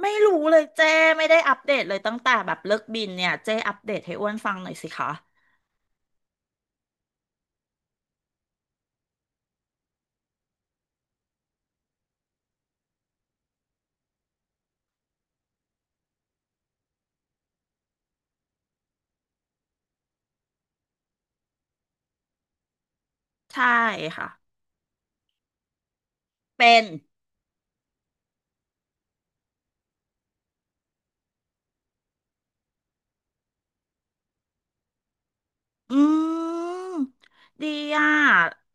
ไม่รู้เลยเจ้ไม่ได้อัปเดตเลยตั้งแต่แบบเลิกบินเนี่ยเจ้อัปเดตให้อ้วนฟังหน่อยสิคะใช่ค่ะเป็นอืมดีอ่ะ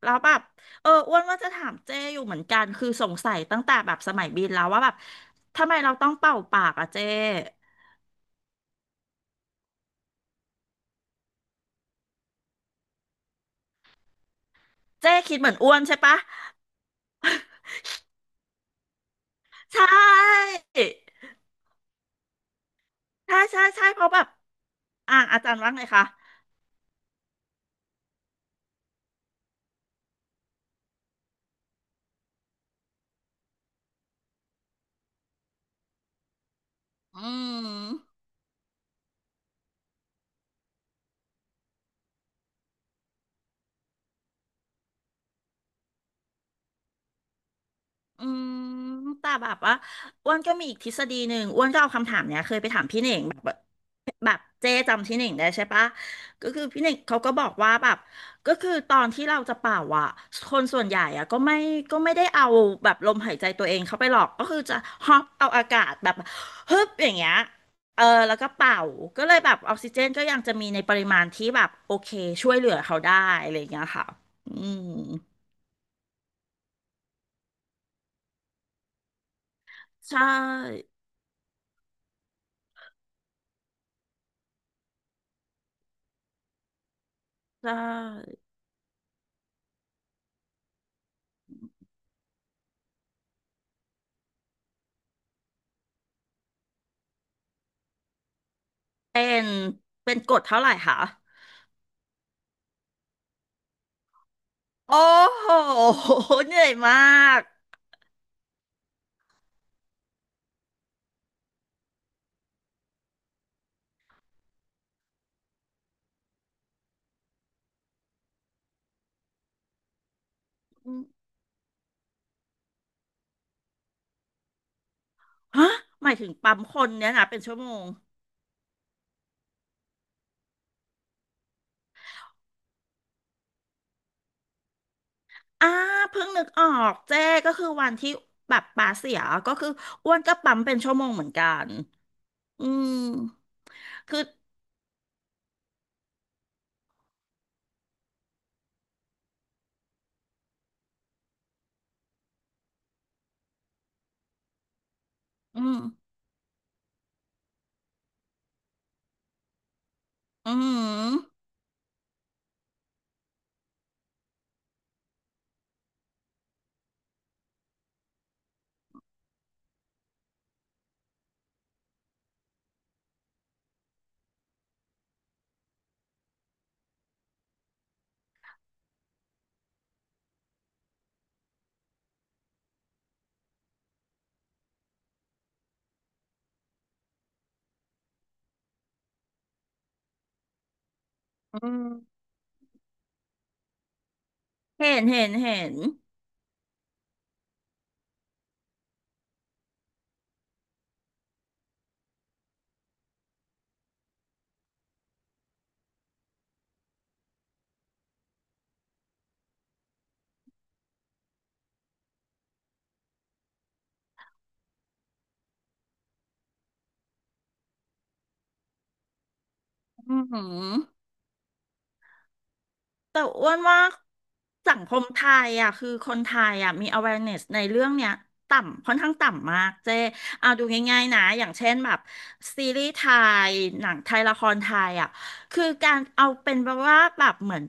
แล้วแบบอ้วนว่าจะถามเจ้อยู่เหมือนกันคือสงสัยตั้งแต่แบบสมัยบินแล้วว่าแบบทำไมเราต้องเป่าปากอ่ะเจ้เจ้คิดเหมือนอ้วนใช่ปะใช่ใช่ใช่ใช่เพราะแบบอ่ะอาจารย์ว่าไงคะอืม อืมแต่แบบว่าอ้วนก็มีอีกทฤษฎีหนึ่งอ้วนก็เอาคำถามเนี้ยเคยไปถามพี่เหน่งแบบแบบเจ๊จำพี่เหน่งได้ใช่ปะก็คือพี่เหน่งเขาก็บอกว่าแบบก็คือตอนที่เราจะเป่าอ่ะคนส่วนใหญ่อ่ะก็ไม่ได้เอาแบบลมหายใจตัวเองเข้าไปหรอกก็คือจะฮอปเอาอากาศแบบฮึบอย่างเงี้ยเออแล้วก็เป่าก็เลยแบบออกซิเจนก็ยังจะมีในปริมาณที่แบบโอเคช่วยเหลือเขาได้อะไรอย่างเงี้ยค่ะอืมใช่ใช่ เป็นเป็นกดเท่าไหร่คะโอ้โหเหนื่อยมากอืมฮะหมายถึงปั๊มคนเนี่ยนะเป็นชั่วโมงอ่าเพิ่งนึกออกเจ้ก็คือวันที่แบบปลาเสียก็คืออ้วนก็ปั๊มเป็นชั่วโมงเหมือนกันอืมคืออืมอืมอืมเห็นเห็นเห็นอืม แต่อ้วนว่าสังคมไทยอ่ะคือคนไทยอ่ะมี awareness ในเรื่องเนี้ยต่ำค่อนข้างต่ำมากเจ๊เอาดูง่ายๆนะอย่างเช่นแบบซีรีส์ไทยหนังไทยละครไทยอ่ะคือการเอาเป็นแบบว่าแบบเหมือน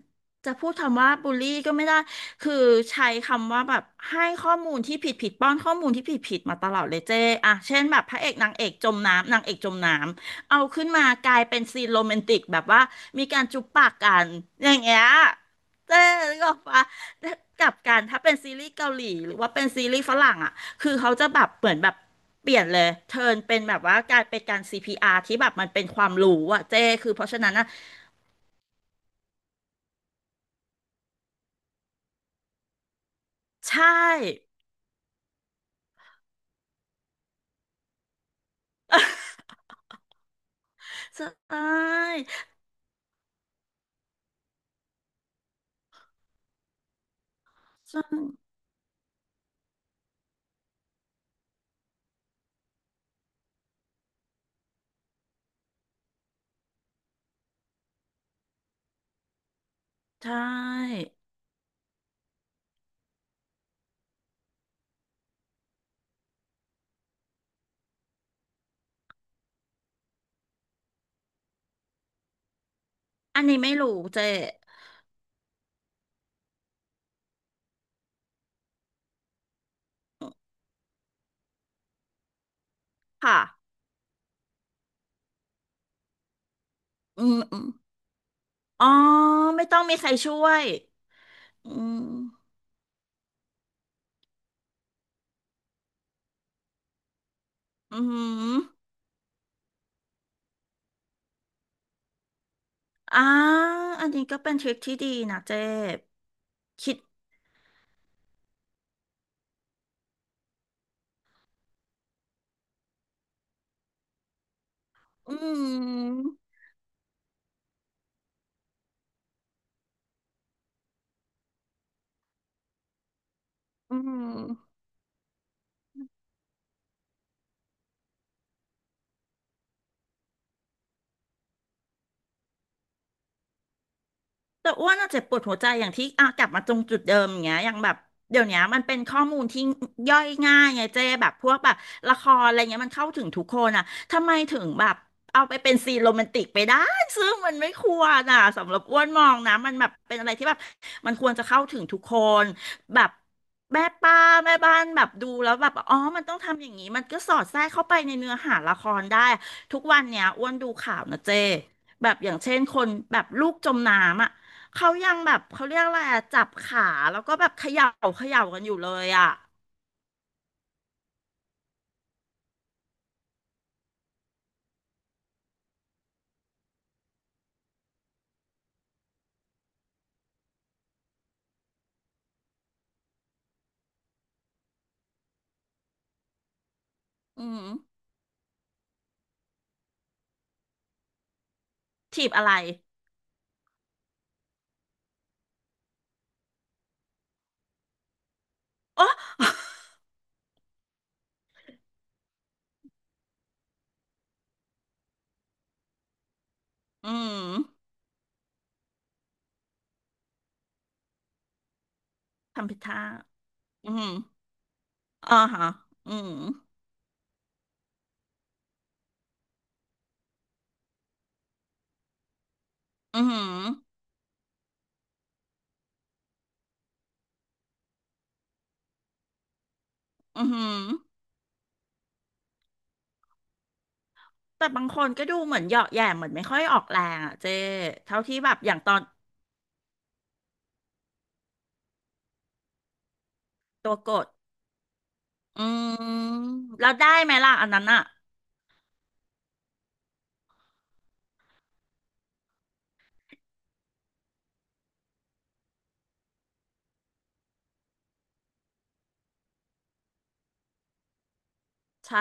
จะพูดคำว่าบูลลี่ก็ไม่ได้คือใช้คำว่าแบบให้ข้อมูลที่ผิดผิดป้อนข้อมูลที่ผิดผิดมาตลอดเลยเจ๊อ่ะเช่นแบบพระเอกนางเอกจมน้ำนางเอกจมน้ำ เอาขึ้นมากลายเป็นซีนโรแมนติกแบบว่ามีการจุ๊บปากกันอย่างเงี้ยเจ๊นึกออกปะแกลับกันถ้าเป็นซีรีส์เกาหลีหรือว่าเป็นซีรีส์ฝรั่งอ่ะคือเขาจะแบบเหมือนแบบเปลี่ยนเลยเทิร์นเป็นแบบว่ากลายเป็นการซีพีอาร์ที่แบบมันเป็นความรู้อ่ะเจ๊คือเพราะฉะนั้นอ่ะใช่ ใช่ใช่ใช่อันนี้ไม่รู้เจ๊ค่ะอืมอมอ๋อไม่ต้องมีใครช่วยอืมอืม อ่าอันนี้ก็เป็นทริคที่ดีนะเจ๊คิด อืม อืม แต่อ้วนอะเจ็บปวดหัวใจอย่างที่อ่ะกลับมาตรงจุดเดิมอย่างเงี้ยอย่างแบบเดี๋ยวเนี้ยมันเป็นข้อมูลที่ย่อยง่ายไงเจ๊แบบพวกแบบละครอะไรเงี้ยมันเข้าถึงทุกคนอะทำไมถึงแบบเอาไปเป็นซีนโรแมนติกไปได้ซึ่งมันไม่ควรอะสำหรับอ้วนมองนะมันแบบเป็นอะไรที่แบบมันควรจะเข้าถึงทุกคนแบบแม่ป้าแม่บ้านแบบดูแล้วแบบอ๋อมันต้องทำอย่างนี้มันก็สอดแทรกเข้าไปในเนื้อหาละครได้ทุกวันเนี้ยอ้วนดูข่าวนะเจ๊แบบอย่างเช่นคนแบบลูกจมน้ำอ่ะ เขายังแบบเขาเรียกอะไรอะจับขาแล้วก็แบบเขย่ากันอยู่เลยอะอืมถีบอะไรโอ้อืมทำผิดท่าอืมอ่าฮะอืมอืมอืมแต่บางคนก็ดูเหมือนเหยาะแหย่เหมือนไม่ค่อยออกแรงอะเจ๊เท่าที่แบบอย่างตอนตัวกดอืมแล้วได้ไหมล่ะอันนั้นอะใช่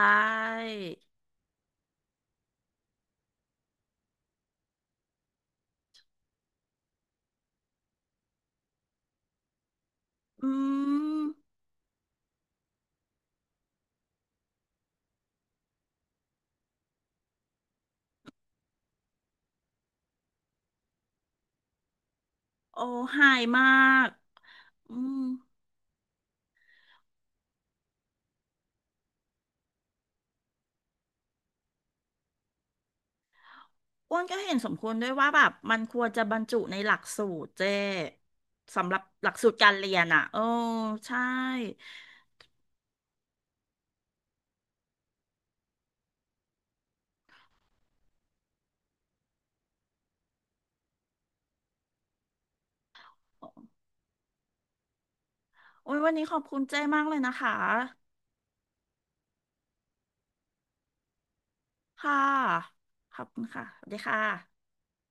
อืมโอ้หายมากอืม อ้วนก็เห็นสมควรด้วยว่าแบบมันควรจะบรรจุในหลักสูตรเจ้สำหรับหลักสูตรการเรียนอ่ะโอ้ใช่โอ้ยวันนี้ขอบคุณเจ้มากเลยนะคะค่ะขอบคุณค่ะสวัสดีค่ะ